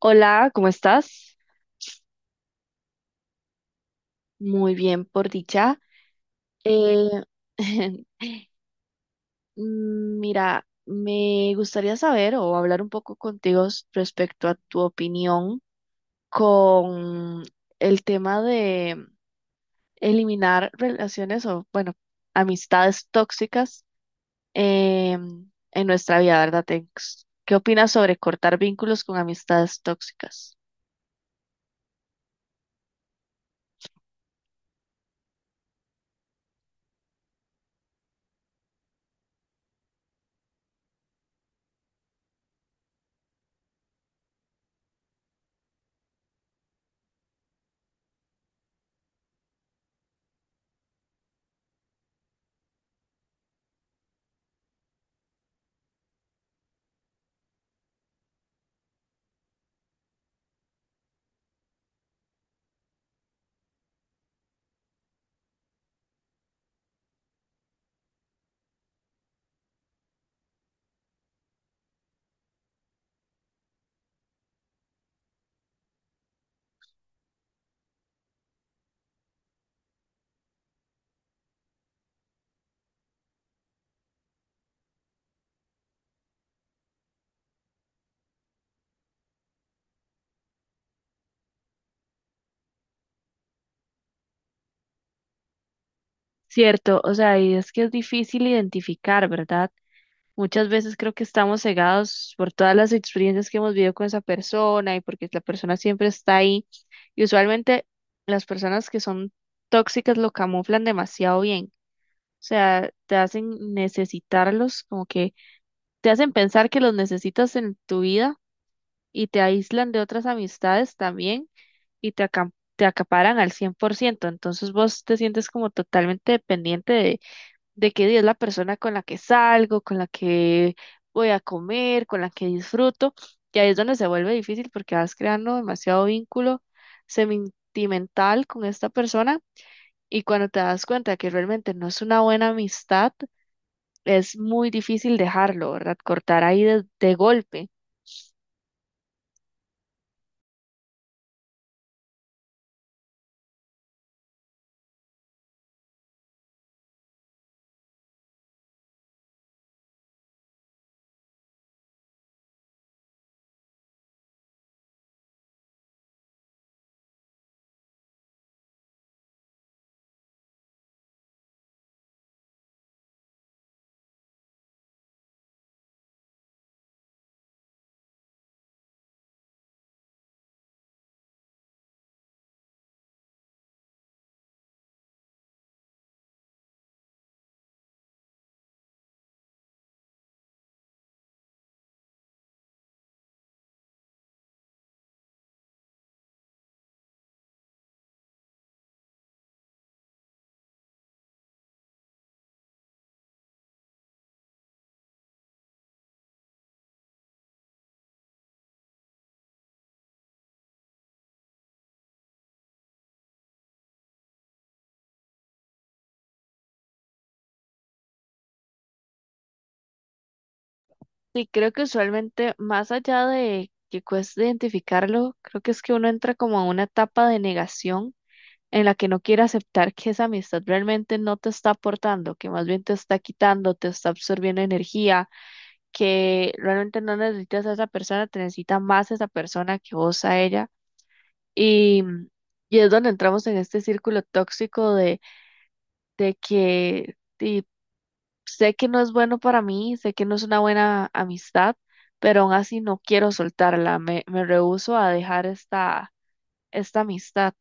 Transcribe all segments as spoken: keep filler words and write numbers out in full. Hola, ¿cómo estás? Muy bien, por dicha. Eh, mm, mira, me gustaría saber o hablar un poco contigo s- respecto a tu opinión con el tema de eliminar relaciones o, bueno, amistades tóxicas em, en nuestra vida, ¿verdad? ¿Tex? ¿Qué opinas sobre cortar vínculos con amistades tóxicas? Cierto, o sea, y es que es difícil identificar, ¿verdad? Muchas veces creo que estamos cegados por todas las experiencias que hemos vivido con esa persona y porque la persona siempre está ahí. Y usualmente las personas que son tóxicas lo camuflan demasiado bien. O sea, te hacen necesitarlos, como que te hacen pensar que los necesitas en tu vida y te aíslan de otras amistades también y te, acam- te acaparan al cien por ciento. Entonces vos te sientes como totalmente dependiente de que es la persona con la que salgo, con la que voy a comer, con la que disfruto. Y ahí es donde se vuelve difícil porque vas creando demasiado vínculo sentimental con esta persona y cuando te das cuenta que realmente no es una buena amistad, es muy difícil dejarlo, ¿verdad? Cortar ahí de, de golpe. Sí, creo que usualmente, más allá de que cueste identificarlo, creo que es que uno entra como a una etapa de negación en la que no quiere aceptar que esa amistad realmente no te está aportando, que más bien te está quitando, te está absorbiendo energía, que realmente no necesitas a esa persona, te necesita más esa persona que vos a ella. Y, y es donde entramos en este círculo tóxico de, de que y sé que no es bueno para mí, sé que no es una buena amistad, pero aún así no quiero soltarla, me, me rehúso a dejar esta, esta amistad.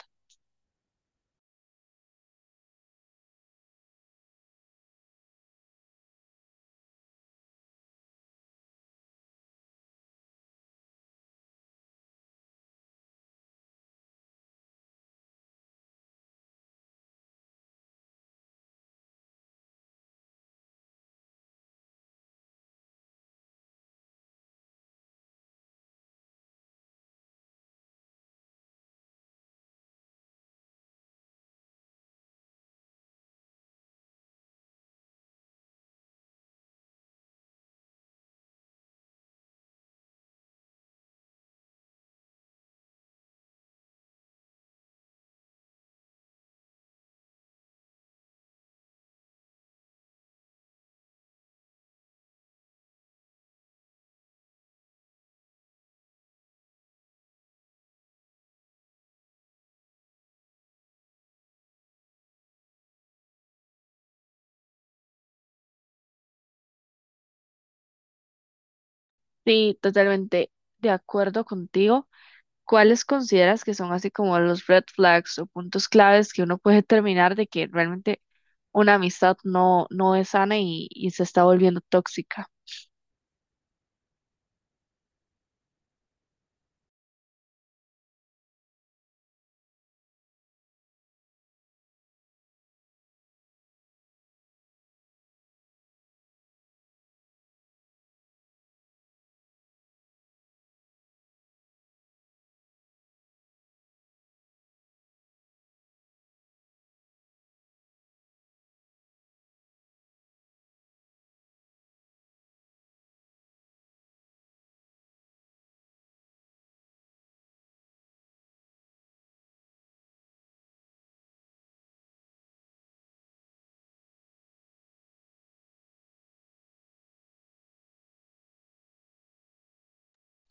Sí, totalmente de acuerdo contigo. ¿Cuáles consideras que son así como los red flags o puntos claves que uno puede determinar de que realmente una amistad no, no es sana y, y se está volviendo tóxica?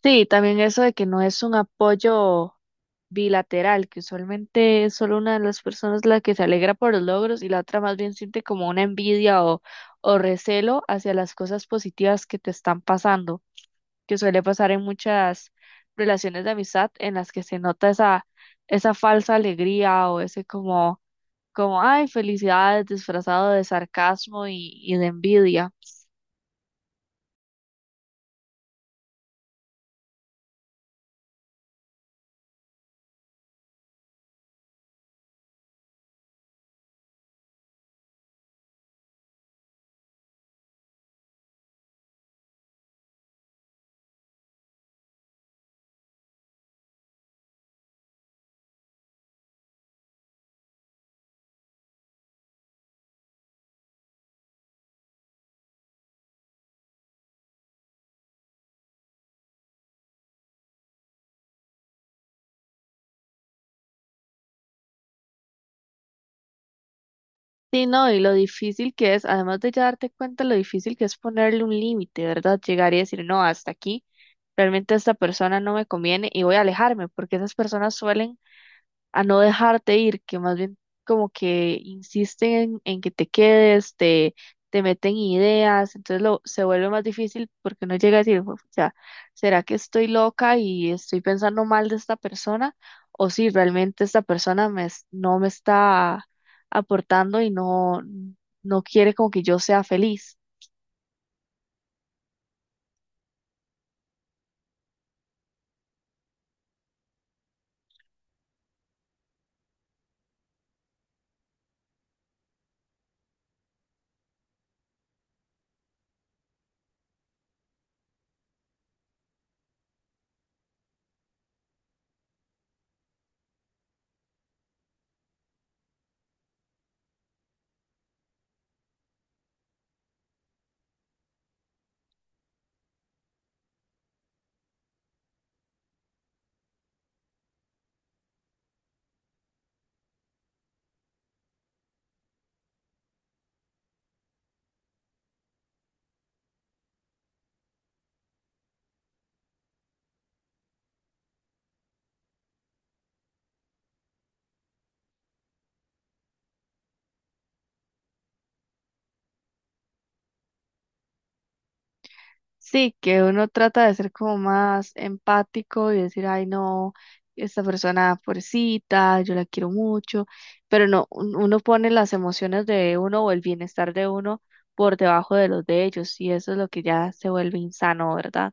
Sí, también eso de que no es un apoyo bilateral, que usualmente es solo una de las personas la que se alegra por los logros y la otra más bien siente como una envidia o, o recelo hacia las cosas positivas que te están pasando, que suele pasar en muchas relaciones de amistad en las que se nota esa, esa falsa alegría o ese como, como, ay, felicidades disfrazado de sarcasmo y, y de envidia. Sí, no, y lo difícil que es, además de ya darte cuenta lo difícil que es ponerle un límite, ¿verdad? Llegar y decir, no, hasta aquí realmente esta persona no me conviene y voy a alejarme, porque esas personas suelen a no dejarte ir, que más bien como que insisten en, en que te quedes, te, te meten ideas, entonces lo, se vuelve más difícil porque uno llega a decir, o sea, ¿será que estoy loca y estoy pensando mal de esta persona? O si realmente esta persona me, es- no me está aportando y no, no quiere como que yo sea feliz. Sí, que uno trata de ser como más empático y decir, ay, no, esta persona pobrecita, yo la quiero mucho, pero no, un- uno pone las emociones de uno o el bienestar de uno por debajo de los de ellos y eso es lo que ya se vuelve insano, ¿verdad?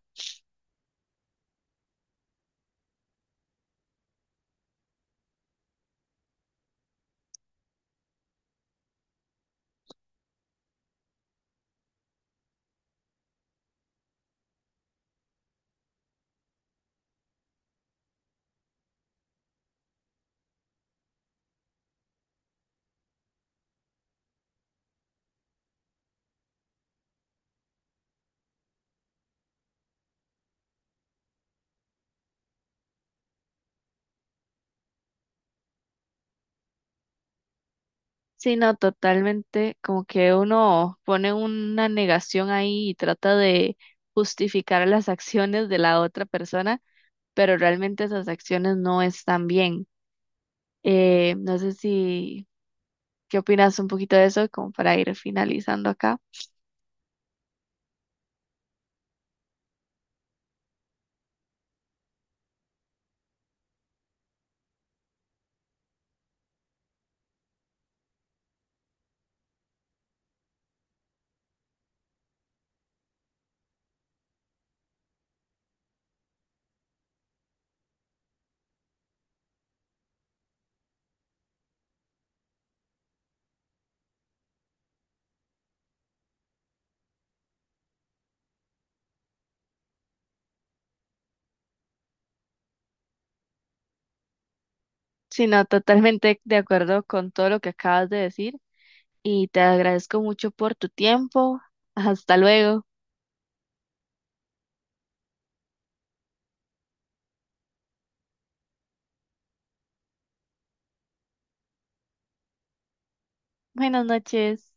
Sí, no, totalmente, como que uno pone una negación ahí y trata de justificar las acciones de la otra persona, pero realmente esas acciones no están bien. Eh, no sé si ¿qué opinas un poquito de eso, como para ir finalizando acá? Sino totalmente de acuerdo con todo lo que acabas de decir y te agradezco mucho por tu tiempo. Hasta luego. Buenas noches.